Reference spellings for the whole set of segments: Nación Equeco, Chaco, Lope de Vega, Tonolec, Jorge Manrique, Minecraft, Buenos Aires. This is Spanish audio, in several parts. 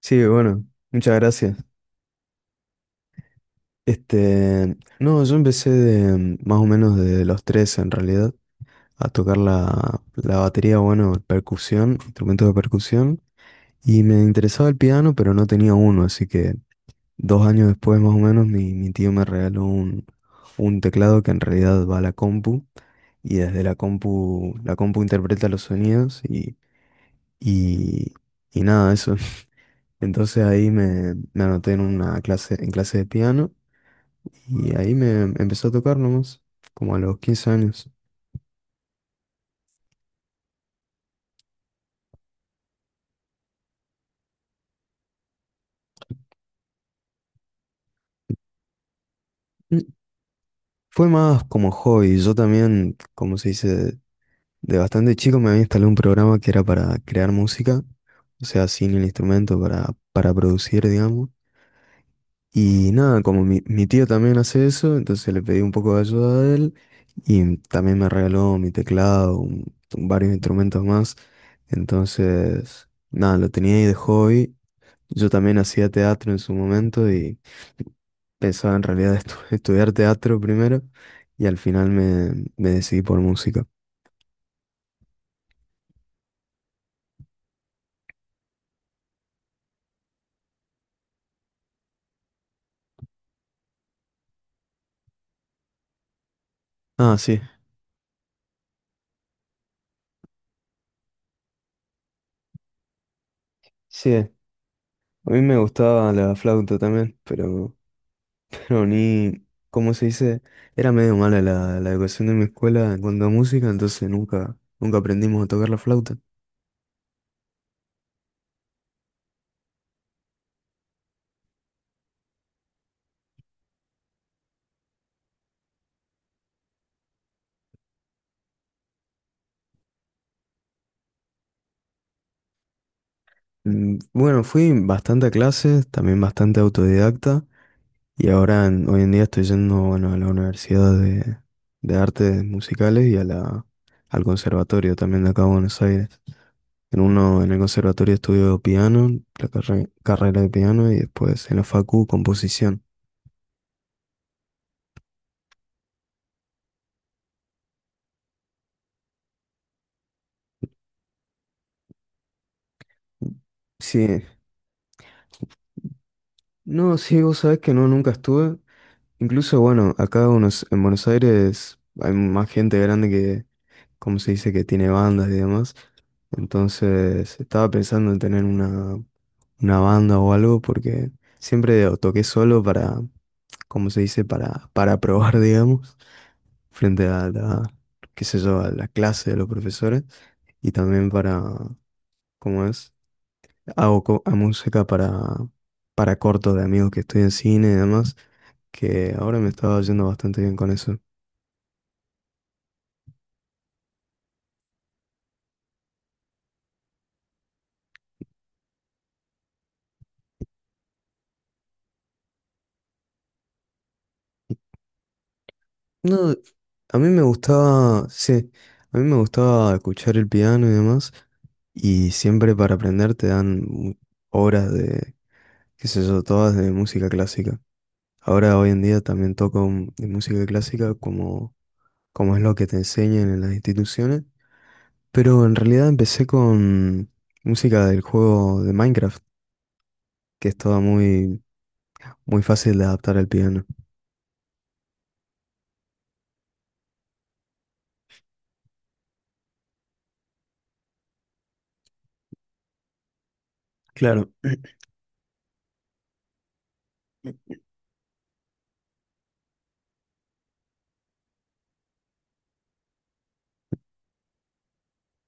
Sí, bueno, muchas gracias. No, yo empecé de, más o menos de los tres, en realidad a tocar la batería, bueno, percusión, instrumentos de percusión, y me interesaba el piano, pero no tenía uno, así que dos años después más o menos mi tío me regaló un teclado que en realidad va a la compu, y desde la compu interpreta los sonidos y, y nada, eso. Entonces me anoté en una clase, en clase de piano y ahí me empezó a tocar nomás, como a los 15 años. Mm, Fue más como hobby. Yo también, como se dice, de bastante chico me había instalado un programa que era para crear música, o sea, sin el instrumento, para producir, digamos. Y nada, como mi tío también hace eso, entonces le pedí un poco de ayuda a él y también me regaló mi teclado, varios instrumentos más. Entonces, nada, lo tenía ahí de hobby. Yo también hacía teatro en su momento y pensaba en realidad estudiar teatro primero y al final me decidí por música. Ah, sí, sí, a mí me gustaba la flauta también, pero ni, como se dice, era medio mala la educación de mi escuela en cuanto a música, entonces nunca, nunca aprendimos a tocar la flauta. Bueno, fui bastante a clases, también bastante autodidacta, y ahora hoy en día estoy yendo, bueno, a la Universidad de Artes Musicales y a la, al conservatorio también de acá de Buenos Aires. En uno, en el conservatorio estudio piano, la carrera de piano, y después en la facu composición. Sí, no, sí, vos sabés que no, nunca estuve. Incluso, bueno, acá unos, en Buenos Aires hay más gente grande que, como se dice, que tiene bandas y demás. Entonces, estaba pensando en tener una banda o algo porque siempre o toqué solo para, como se dice, para probar, digamos, frente a la, qué sé yo, a la clase de los profesores y también para, ¿cómo es? Hago co- a música para cortos de amigos que estoy en cine y demás, que ahora me estaba yendo bastante bien con eso. No, a mí me gustaba, sí, a mí me gustaba escuchar el piano y demás, y siempre para aprender te dan horas de, qué sé yo, todas de música clásica. Ahora, hoy en día también toco de música clásica como, como es lo que te enseñan en las instituciones, pero en realidad empecé con música del juego de Minecraft, que es toda muy, muy fácil de adaptar al piano. Claro,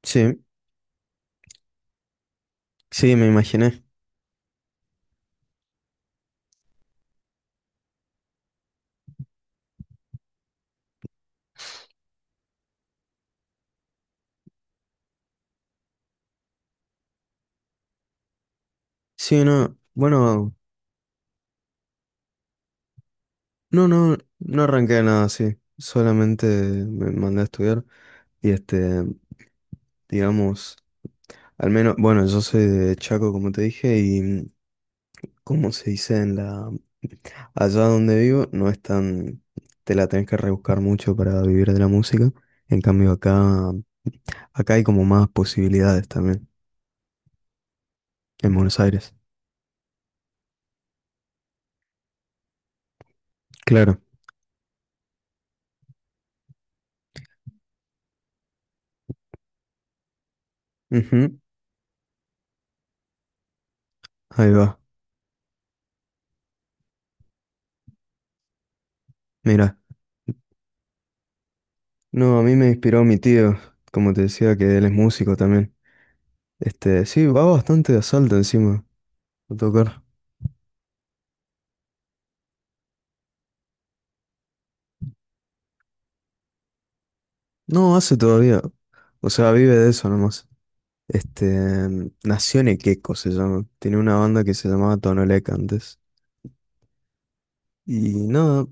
sí, sí, me imaginé. Sí, no, bueno. No, no, no arranqué nada así. Solamente me mandé a estudiar y digamos, al menos, bueno, yo soy de Chaco, como te dije, y como se dice en la, allá donde vivo, no es tan, te la tenés que rebuscar mucho para vivir de la música. En cambio, acá, acá hay como más posibilidades también, en Buenos Aires. Claro. Ujú. Ahí va. Mira. No, a mí me inspiró mi tío, como te decía, que él es músico también. Este, sí, va bastante de asalto encima a tocar. No, hace todavía. O sea, vive de eso nomás. Este, Nación Equeco se llama. Tiene una banda que se llamaba Tonolec antes. Y nada,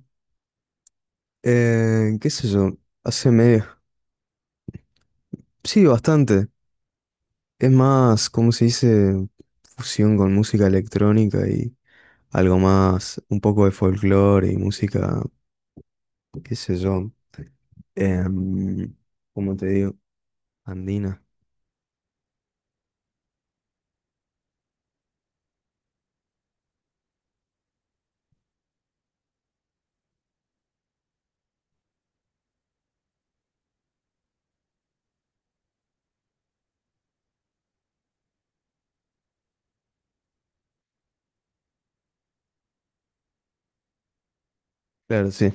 qué sé yo, hace medio. Sí, bastante. Es más, ¿cómo se dice? Fusión con música electrónica y algo más, un poco de folclore y música, qué sé yo. em, ¿Cómo te digo? Andina. Claro, sí.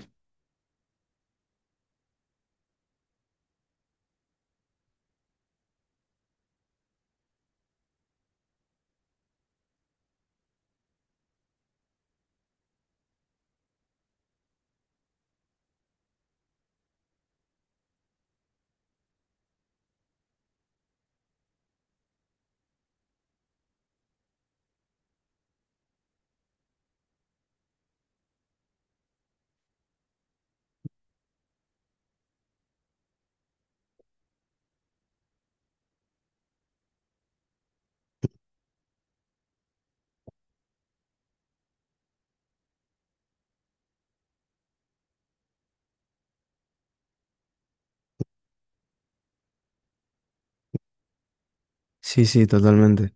Sí, sí, totalmente.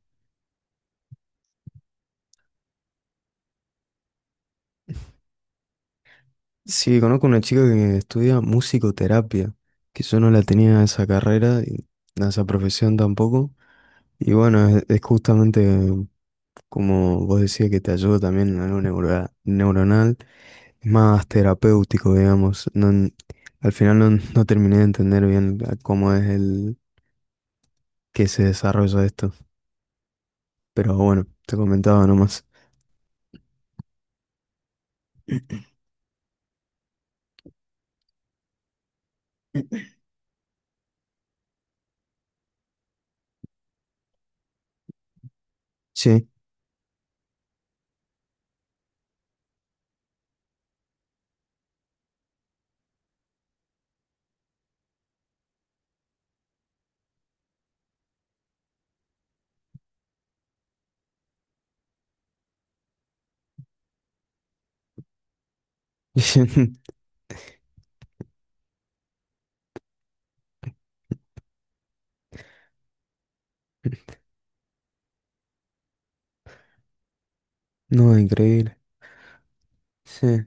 Sí, conozco una chica que estudia musicoterapia, que yo no la tenía esa carrera y a esa profesión tampoco. Y bueno, es justamente como vos decías que te ayuda también en algo neuronal, es más terapéutico, digamos. No, al final no, no terminé de entender bien a cómo es el que se desarrolla esto, pero bueno, te comentaba nomás. Sí, no, increíble. Sí,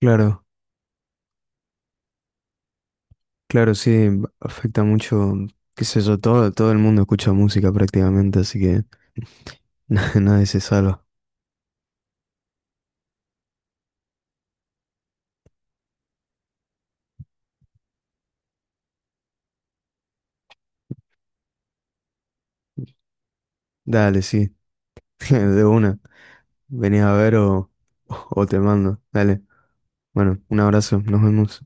claro. Claro, sí, afecta mucho, qué sé yo, todo, todo el mundo escucha música prácticamente, así que nadie se salva. Dale, sí, de una. Venís a ver o te mando. Dale, bueno, un abrazo, nos vemos.